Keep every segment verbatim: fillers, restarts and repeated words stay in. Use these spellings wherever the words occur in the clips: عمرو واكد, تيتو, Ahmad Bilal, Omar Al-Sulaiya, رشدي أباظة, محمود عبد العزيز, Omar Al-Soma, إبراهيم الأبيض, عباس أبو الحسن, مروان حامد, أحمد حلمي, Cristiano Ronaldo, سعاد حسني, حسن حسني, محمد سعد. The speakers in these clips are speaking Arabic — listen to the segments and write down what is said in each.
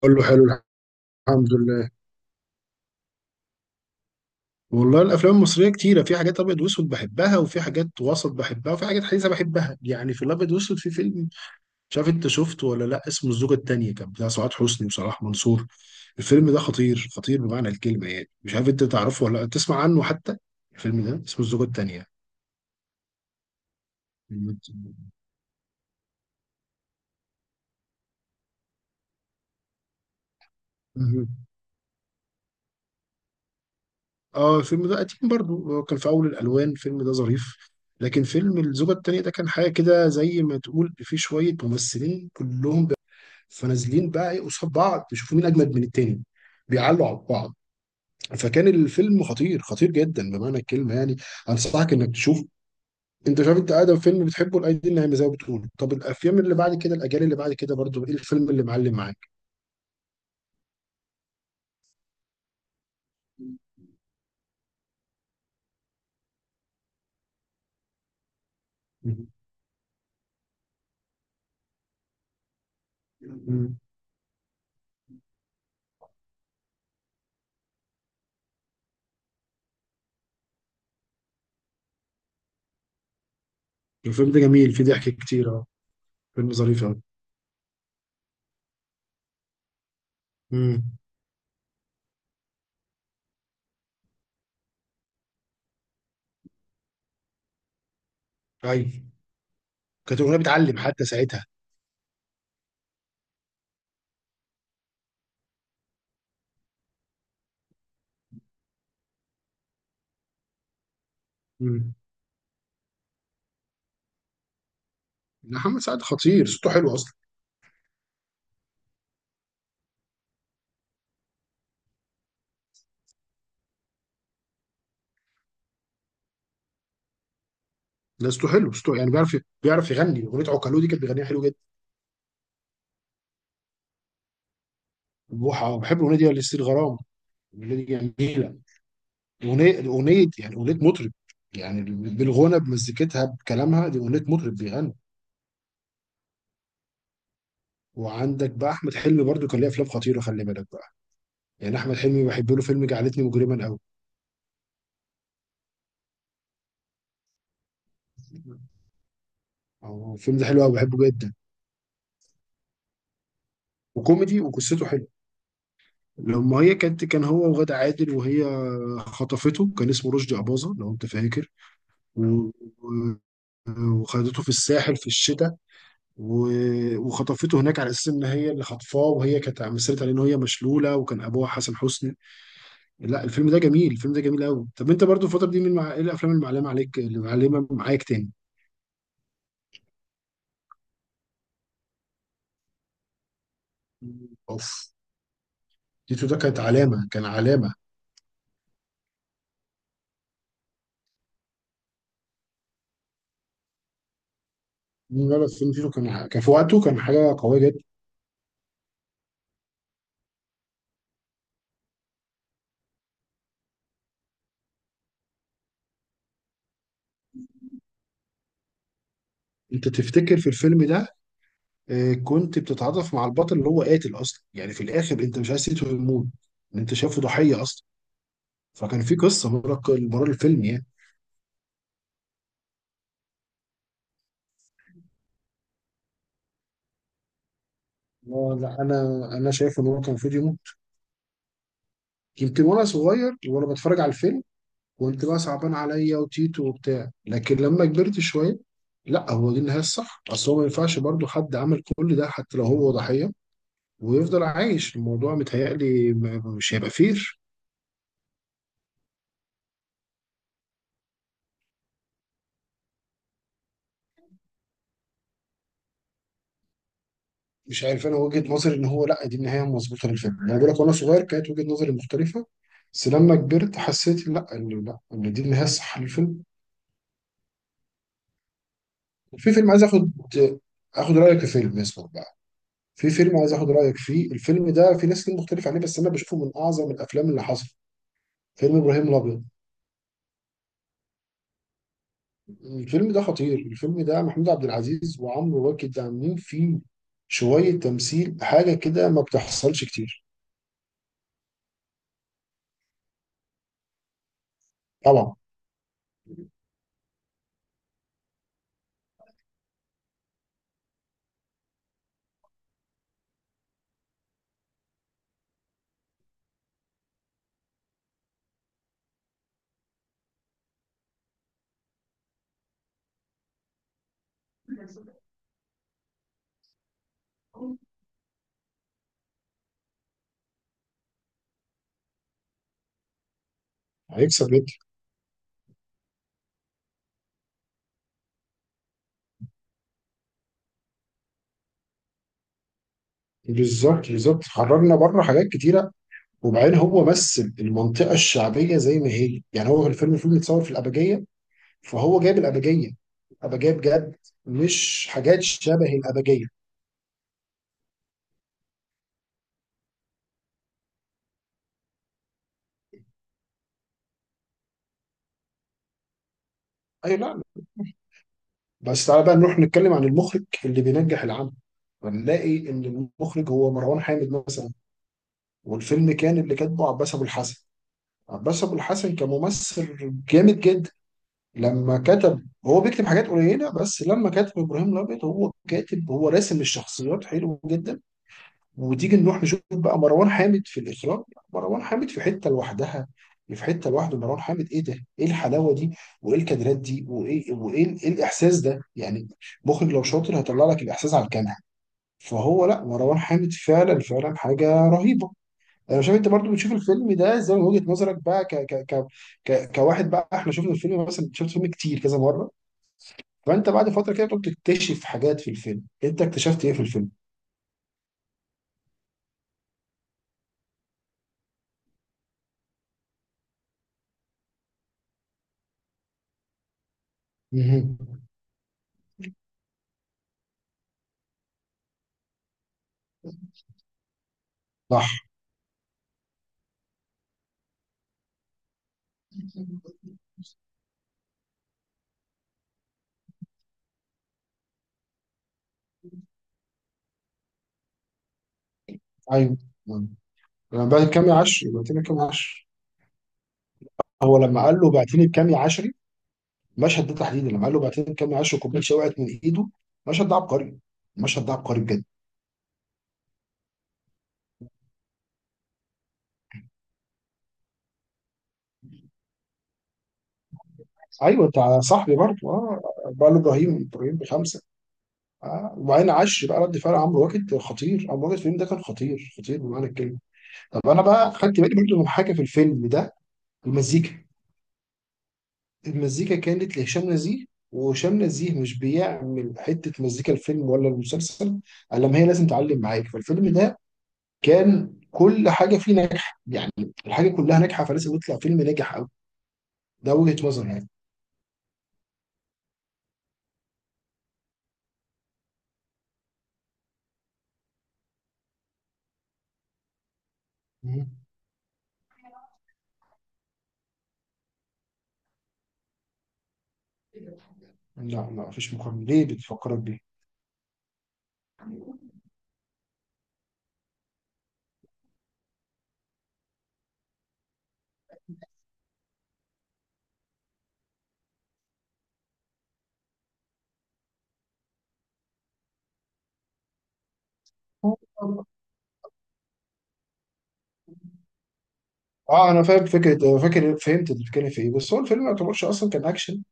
كله حلو. الحمد لله. والله الافلام المصريه كتيره، في حاجات ابيض واسود بحبها، وفي حاجات وسط بحبها، وفي حاجات حديثه بحبها. يعني في الابيض واسود في فيلم، مش عارف انت شفته ولا لا، اسمه الزوجه التانيه، كان بتاع سعاد حسني وصلاح منصور. الفيلم ده خطير خطير بمعنى الكلمه. يعني مش عارف انت تعرفه ولا لا، تسمع عنه حتى. الفيلم ده اسمه الزوجه التانيه. مهم. اه، الفيلم ده قديم برضو، هو كان في اول الالوان، الفيلم ده ظريف. لكن فيلم الزوجة التانية ده كان حاجة كده، زي ما تقول في شوية ممثلين كلهم فنازلين بقى ايه قصاد بعض يشوفوا مين اجمد من التاني، بيعلوا على بعض. فكان الفيلم خطير خطير جدا بمعنى الكلمه يعني. انصحك انك تشوف. انت شايف، انت ادم فيلم بتحبه الايدي النايمه زي ما بتقول، طب الافلام اللي بعد كده، الاجيال اللي بعد كده، برضو ايه الفيلم اللي معلم معاك؟ مم. مم. الفيلم ده جميل، فيه ضحك كتير، اه. فيلم ظريف قوي. امم. ايوه. كانت الاغنيه بتعلم حتى ساعتها. مم. محمد سعد خطير، صوته حلو اصلا. لا صوته حلو، صوته يعني بيعرف بيعرف يغني. اغنيه عوكلو دي كانت بيغنيها حلو جدا. بوحة بحب الأغنية دي، لستيل غرام، الأغنية دي جميلة. أغنية أغنية، يعني أغنية مطرب. يعني بالغنى بمزيكتها بكلامها، دي أغنية مطرب بيغني. وعندك بقى أحمد حلمي برضو، كان ليه أفلام خطيرة، خلي بالك بقى. يعني أحمد حلمي بحب له فيلم جعلتني مجرما أوي. أو الفيلم ده حلو أوي، بحبه جدا. وكوميدي وقصته حلوة. لما هي كانت، كان هو وغادة عادل، وهي خطفته، كان اسمه رشدي أباظة لو أنت فاكر. و- و- وخدته في الساحل في الشتاء. و- وخطفته هناك على اساس ان هي اللي خطفاه، وهي كانت مثلت عليه ان هي مشلوله، وكان ابوها حسن حسني. لا الفيلم ده جميل، الفيلم ده جميل قوي. طب انت برضو الفتره دي من مع... ايه الافلام اللي معلمه عليك، اللي معلمه معاك تاني؟ اوف. تيتو ده كانت علامه، كان علامه. لا لا فيلم تيتو، كان كان في وقته كان حاجه قويه جدا. انت تفتكر في الفيلم ده، آه، كنت بتتعاطف مع البطل اللي هو قاتل اصلا، يعني في الاخر انت مش عايز تيتو يموت، انت شايفه ضحيه اصلا. فكان في قصه ورا ورا الفيلم يعني. لا لا انا انا شايف ان هو كان المفروض يموت. يمكن وانا صغير وانا بتفرج على الفيلم كنت بقى صعبان عليا وتيتو وبتاع، لكن لما كبرت شويه لا، هو دي النهايه الصح. اصل هو ما ينفعش برضه حد عمل كل ده حتى لو هو ضحيه ويفضل عايش. الموضوع متهيألي م- مش هيبقى فير. مش عارف، انا وجهه نظري ان هو لا، دي النهايه المظبوطه للفيلم. انا بقول لك، وانا صغير كانت وجهه نظري مختلفه، بس لما كبرت حسيت لا، ان لا ان دي النهايه الصح للفيلم. في فيلم عايز اخد اخد رايك في فيلم اسمه، في فيلم عايز اخد رايك فيه. الفيلم ده في ناس كتير مختلف عليه، بس انا بشوفه من اعظم الافلام اللي حصلت. فيلم ابراهيم الابيض. الفيلم ده خطير، الفيلم ده محمود عبد العزيز وعمرو واكد عاملين فيه شويه تمثيل، حاجه كده ما بتحصلش كتير. طبعا. هيكسب جدا. بالظبط بالظبط، خرجنا بره حاجات كتيره. وبعدين هو مثل المنطقه الشعبيه زي ما هي، يعني هو في الفيلم، الفيلم متصور في الابجيه، فهو جايب الابجيه، الابجيه بجد، مش حاجات شبه الابجيه. اي لا. بس تعالى بقى نروح نتكلم عن المخرج اللي بينجح العمل، هنلاقي ان المخرج هو مروان حامد مثلا. والفيلم كان اللي كاتبه عباس ابو الحسن. عباس ابو الحسن كممثل جامد جدا. لما كتب، هو بيكتب حاجات قليله، بس لما كتب ابراهيم الابيض، هو كاتب، هو راسم الشخصيات حلو جدا. وتيجي نروح نشوف بقى مروان حامد في الاخراج. مروان حامد في حته لوحدها، في حته لوحده. مروان حامد ايه ده، ايه الحلاوه دي، وايه الكادرات دي، وايه وايه ال- إيه الاحساس ده يعني؟ مخرج لو شاطر هيطلع لك الاحساس على الكاميرا. فهو لا، مروان حامد فعلا فعلا حاجه رهيبه. انا شايف انت برضو بتشوف الفيلم ده زي من وجهه نظرك بقى ك ك ك ك كواحد بقى. احنا شفنا الفيلم مثلا، شفت الفيلم كتير كذا مره، فانت بعد فتره كده بتكتشف حاجات في الفيلم. انت اكتشفت ايه في الفيلم؟ مهم. صح. ايوه. لما بعت كامي عشري، بعتني بكامي عشري. هو لما قال له بعتني بكامي عشري، المشهد ده تحديدا، لما قال له بعتني بكامي عشري وكوبايه شاي وقعت من ايده، المشهد ده عبقري، المشهد ده عبقري بجد. ايوه بتاع صاحبي برضه، اه، بقى له ابراهيم، ابراهيم بخمسه. آه. وبعدين عشري بقى. رد فعل عمرو واكد خطير، عمرو واكد الفيلم ده كان خطير خطير بمعنى الكلمه. طب انا بقى خدت بالي برضه من حاجه في الفيلم ده، المزيكا. المزيكا كانت لهشام نزيه. وهشام نزيه مش بيعمل حتة مزيكا الفيلم ولا المسلسل الا ما هي لازم تعلم معاك. فالفيلم ده كان كل حاجة فيه ناجحة يعني، الحاجة كلها ناجحة، فلازم يطلع فيلم ناجح أوي. ده وجهة نظر يعني. مم. لا لا، مفيش مقارنة، ليه بتفكرك بيه؟ اه انا فاهم فكره، أنا فاكر، فهمت انت بتتكلم في ايه، بس هو الفيلم ما يعتبرش اصلا كان اكشن.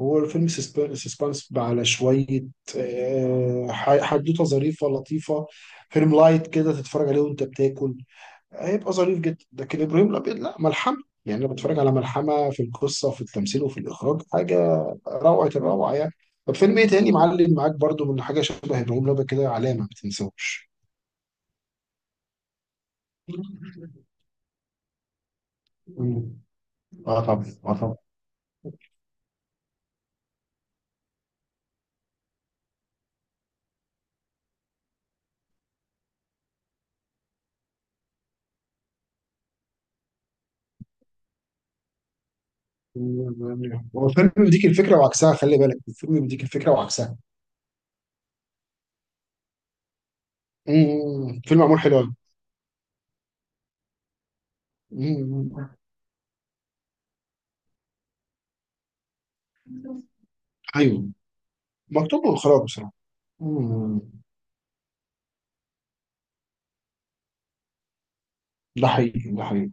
هو الفيلم سسب- سسبانس على شويه. آه، ح- حدوته ظريفه لطيفه، فيلم لايت كده تتفرج عليه وانت بتاكل، هيبقى ظريف جدا. لكن ابراهيم الابيض لا، ملحمه. يعني انا بتفرج على ملحمه في القصه وفي التمثيل وفي الاخراج، حاجه روعه الروعه يعني. طب فيلم ايه تاني معلم معاك برضو من حاجه شبه ابراهيم الابيض كده، علامه ما تنساهوش؟ مم. اه طبعا، اه طبعا. هو الفيلم بيديك الفكره وعكسها، خلي بالك، الفيلم بيديك الفكره وعكسها. مم. فيلم معمول حلو أوي. مم. ايوه. مكتوب واخراج بصراحه. مم. ده حقيقي ده حقيقي.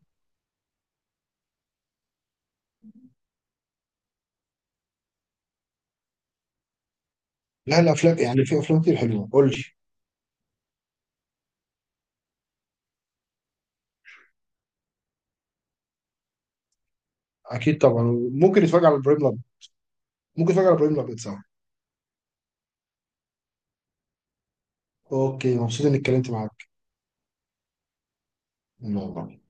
لا الافلام يعني في افلام كتير حلوه، قول لي. اكيد طبعا. ممكن نتفرج على ابراهيم الابيض. ممكن نتفرج على ابراهيم الابيض سوا. اوكي، مبسوط اني اتكلمت معاك. يلا.